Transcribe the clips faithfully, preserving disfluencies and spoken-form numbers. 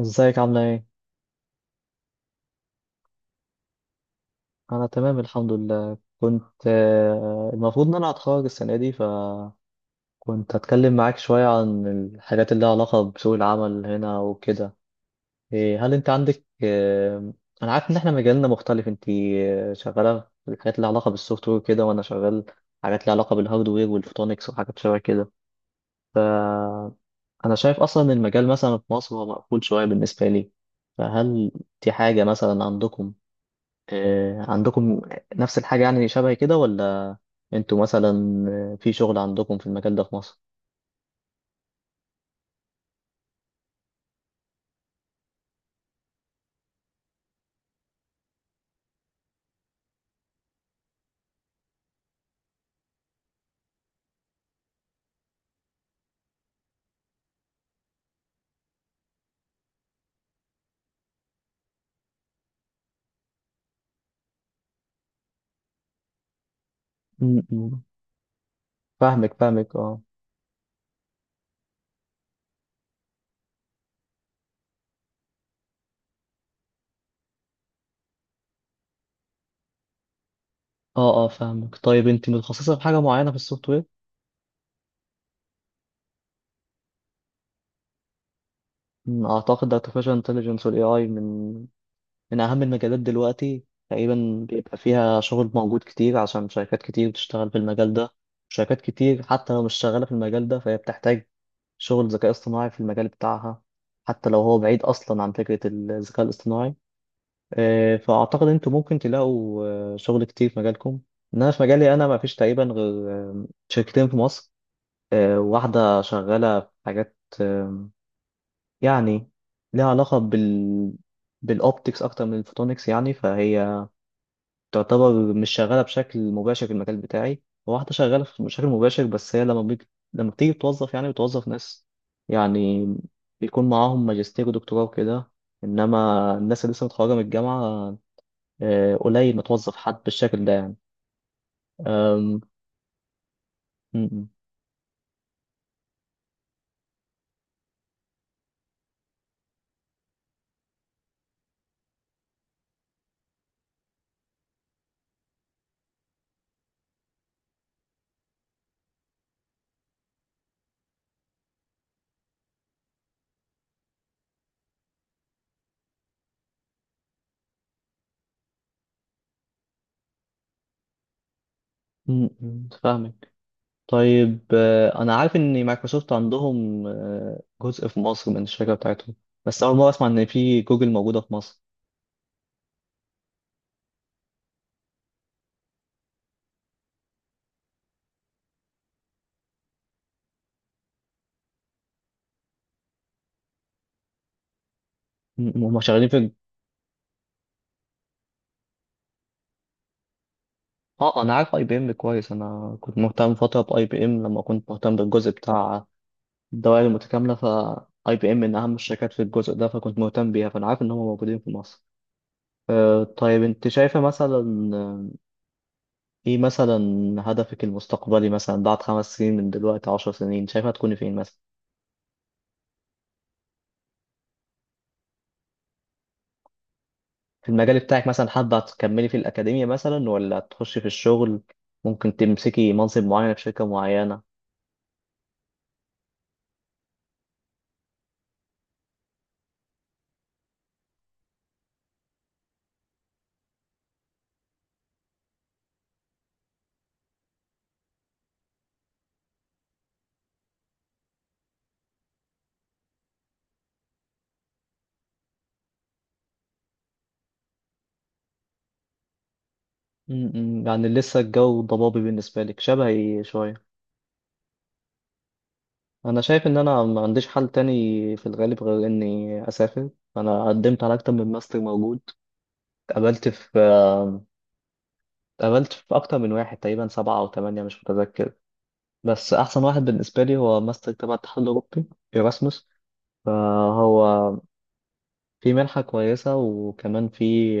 ازيك عاملة ايه؟ أنا تمام الحمد لله كنت آه، المفروض إن أنا هتخرج السنة دي، فكنت هتكلم معاك شوية عن الحاجات اللي لها علاقة بسوق العمل هنا وكده. إيه، هل أنت عندك آه، أنا عارف إن إحنا مجالنا مختلف. أنت آه، شغالة في الحاجات اللي لها علاقة بالسوفت وير كده، وأنا شغال حاجات لها علاقة بالهاردوير والفوتونكس وحاجات شبه كده. فأنا شايف أصلا إن المجال مثلا في مصر هو مقفول شوية بالنسبة لي. فهل دي حاجة مثلا عندكم؟ آه، عندكم نفس الحاجة يعني شبه كده ولا انتوا مثلا آه، في شغل عندكم في المجال ده في مصر؟ م- م. فاهمك فاهمك. اه اه اه، فاهمك. طيب انت متخصصة في حاجة معينة في السوفت وير؟ م، اعتقد artificial intelligence وال إي آي من من اهم المجالات دلوقتي. تقريبا بيبقى فيها شغل موجود كتير، عشان شركات كتير بتشتغل في المجال ده. شركات كتير حتى لو مش شغالة في المجال ده فهي بتحتاج شغل ذكاء اصطناعي في المجال بتاعها، حتى لو هو بعيد اصلا عن فكرة الذكاء الاصطناعي. آه، فأعتقد أنتوا ممكن تلاقوا آه، شغل كتير في مجالكم. إن أنا في مجالي أنا ما فيش تقريبا غير آه، شركتين في مصر. آه، واحدة شغالة في حاجات، آه، يعني ليها علاقة بال بالأوبتكس أكتر من الفوتونكس، يعني فهي تعتبر مش شغالة بشكل مباشر في المجال بتاعي. وواحدة شغالة في- بشكل مباشر، بس هي لما بيجي لما بتيجي بتوظف، يعني بتوظف ناس يعني بيكون معاهم ماجستير ودكتوراه وكده. إنما الناس اللي لسه متخرجة من الجامعة، آه، قليل ما توظف حد بالشكل ده يعني. أم، م- م- م- م- فاهمك. طيب آه، انا عارف ان مايكروسوفت عندهم آه، جزء في مصر من الشركه بتاعتهم، بس اول مره اسمع ان في جوجل موجوده في مصر. م- هم شغالين في. اه، انا عارف اي بي ام كويس، انا كنت مهتم فتره باي بي ام لما كنت مهتم بالجزء بتاع الدوائر المتكامله. ف اي بي ام من اهم الشركات في الجزء ده، فكنت مهتم بيها، فانا عارف ان هم موجودين في مصر. آه، طيب انت شايفه مثلا ايه مثلا هدفك المستقبلي، مثلا بعد خمس سنين من دلوقتي، عشر سنين، شايفة تكوني فين مثلا؟ في المجال بتاعك مثلا، حابة تكملي في الأكاديمية مثلا ولا تخشي في الشغل؟ ممكن تمسكي منصب معين في شركة معينة. م- م، يعني لسه الجو ضبابي بالنسبة لك، شبهي شوية. أنا شايف إن أنا ما عنديش حل تاني في الغالب غير إني أسافر. أنا قدمت على أكتر من ماستر موجود، اتقبلت في اتقبلت في أكتر من واحد، تقريبا سبعة أو تمانية مش متذكر. بس احسن واحد بالنسبه لي هو ماستر تبع الاتحاد الاوروبي، ايراسموس. فهو في منحه كويسه، وكمان في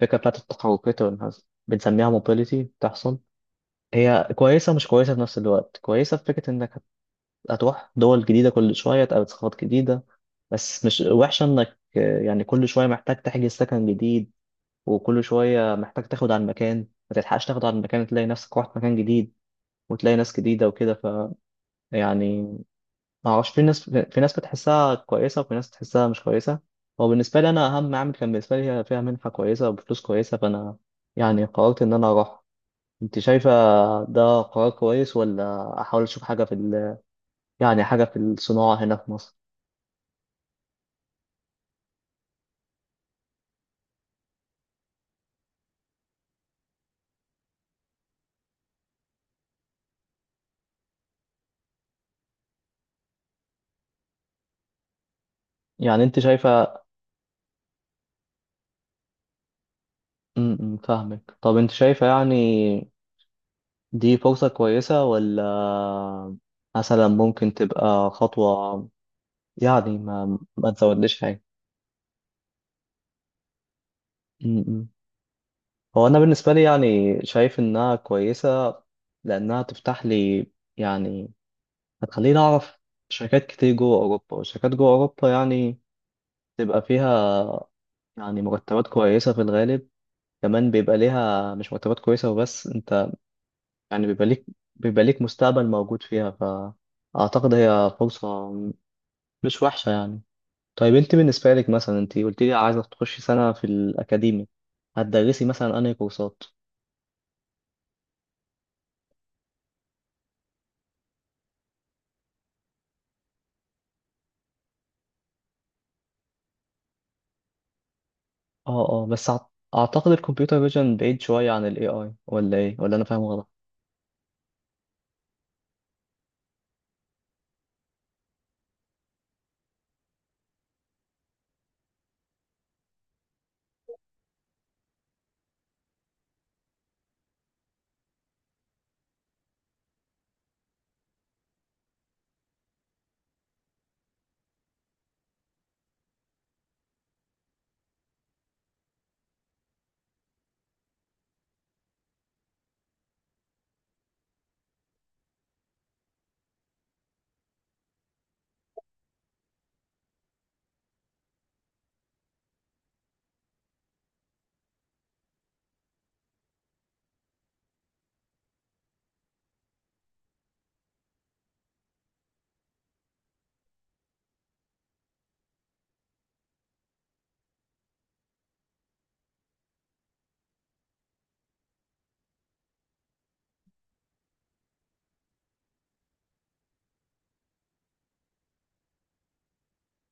فكره بتاعت التحركات والانعزال بنسميها موبيليتي بتحصل. هي كويسه مش كويسه في نفس الوقت. كويسه في فكره انك هت- هتروح دول جديده كل شويه، تقابل ثقافات جديده. بس مش وحشه انك آه، يعني كل شويه محتاج تحجز سكن جديد، وكل شويه محتاج تاخد عن مكان، ما تلحقش تاخد عن مكان تلاقي نفسك رحت مكان جديد، وتلاقي ناس جديده وكده. ف يعني ما اعرفش، في ناس في ناس بتحسها كويسه وفي ناس بتحسها مش كويسه. هو بالنسبه لي انا اهم عامل كان بالنسبه لي هي فيها منحه كويسه وبفلوس كويسه، فانا يعني قررت ان انا اروح. انت شايفه ده قرار كويس ولا احاول اشوف حاجه في، ال... يعني حاجه في الصناعه هنا في مصر؟ يعني انت شايفه؟ م- م، فاهمك. طب انت شايفه يعني دي فرصه كويسه، ولا مثلا ممكن تبقى خطوه يعني ما ما تزودليش حاجه؟ م- م. هو أنا بالنسبة لي يعني شايف إنها كويسة، لأنها تفتح لي يعني، هتخليني أعرف شركات كتير جوه أوروبا. والشركات جوه أوروبا يعني تبقى فيها يعني مرتبات كويسة في الغالب. كمان بيبقى ليها مش مرتبات كويسة وبس، أنت يعني بيبقى ليك بيبقى ليك مستقبل موجود فيها، فأعتقد هي فرصة مش وحشة يعني. طيب أنت بالنسبة لك مثلا، أنت قلت لي عايزة تخشي سنة في الأكاديمي، هتدرسي مثلا أنهي كورسات؟ اه اه، بس أع- اعتقد الكمبيوتر فيجن بعيد شوية عن الاي اي، ولا ايه ولا انا فاهم غلط؟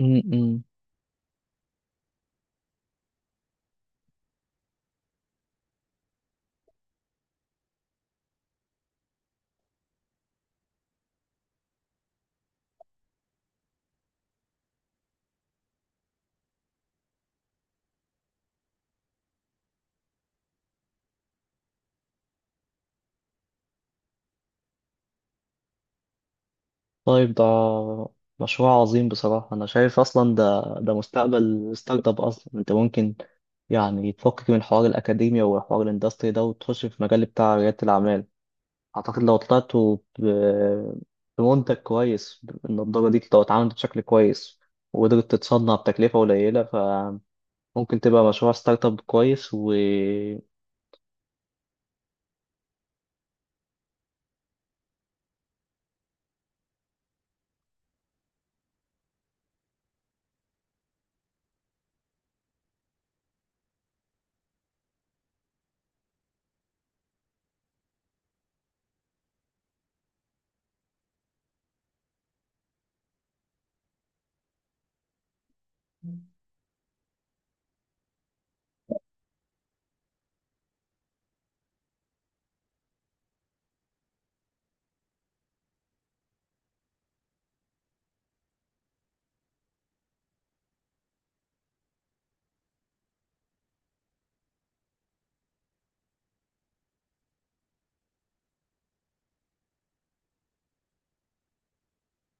امم. طيب ده مشروع عظيم بصراحة. انا شايف اصلا ده ده مستقبل ستارت اب. اصلا انت ممكن يعني تفكك من حوار الاكاديميا وحوار الاندستري ده، وتخش في مجال بتاع ريادة الاعمال. اعتقد لو طلعت ب- بمنتج كويس، النضارة دي لو اتعملت بشكل كويس وقدرت تتصنع بتكلفة قليلة، فممكن تبقى مشروع ستارت اب كويس. و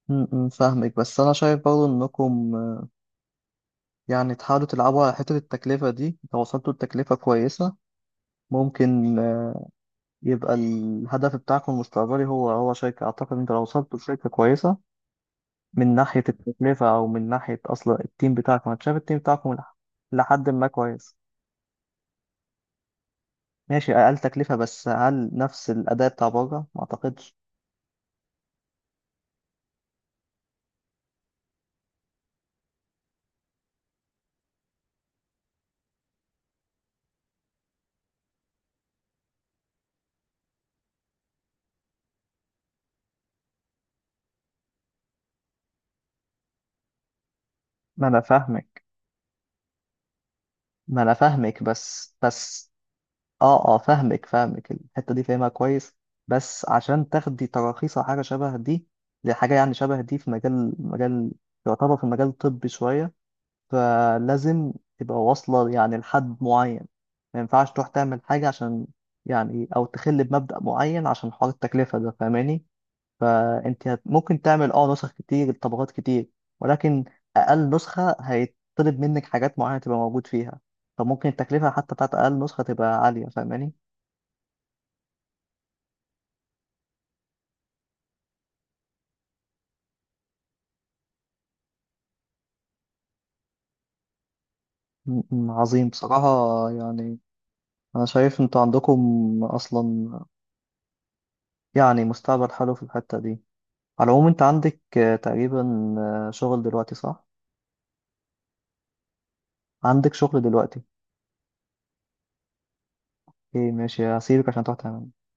م- م، فاهمك. بس انا شايف برضه انكم آه، يعني تحاولوا تلعبوا على حتة التكلفة دي. لو وصلتوا لتكلفة كويسة ممكن آه، يبقى الهدف بتاعكم المستقبلي هو هو شركة. اعتقد انت لو وصلتوا لشركة كويسة من ناحية التكلفة او من ناحية اصلا التيم بتاعكم، انا شايف التيم بتاعكم لح- لحد ما كويس. ماشي اقل تكلفة، بس هل نفس الاداء بتاع بره؟ ما اعتقدش. ما انا فاهمك، ما انا فاهمك بس بس. اه اه فاهمك فاهمك، الحتة دي فاهمها كويس. بس عشان تاخدي تراخيص أو حاجة شبه دي، لحاجة يعني شبه دي في مجال مجال يعتبر في مجال طبي شوية، فلازم تبقى واصلة يعني لحد معين. ما ينفعش تروح تعمل حاجة عشان يعني، أو تخل بمبدأ معين عشان حوار التكلفة ده، فاهماني؟ فأنت هت- ممكن تعمل اه نسخ كتير، طبقات كتير، ولكن أقل نسخة هيطلب منك حاجات معينة تبقى موجود فيها. فممكن التكلفة حتى بتاعت أقل نسخة تبقى عالية، فاهماني؟ م- عظيم بصراحة. يعني أنا شايف أنتوا عندكم أصلا يعني مستقبل حلو في الحتة دي. على العموم أنت عندك آه، تقريبا آه، شغل دلوقتي صح؟ عندك شغل دلوقتي. إيه ماشي، هسيبك عشان تروح تعمل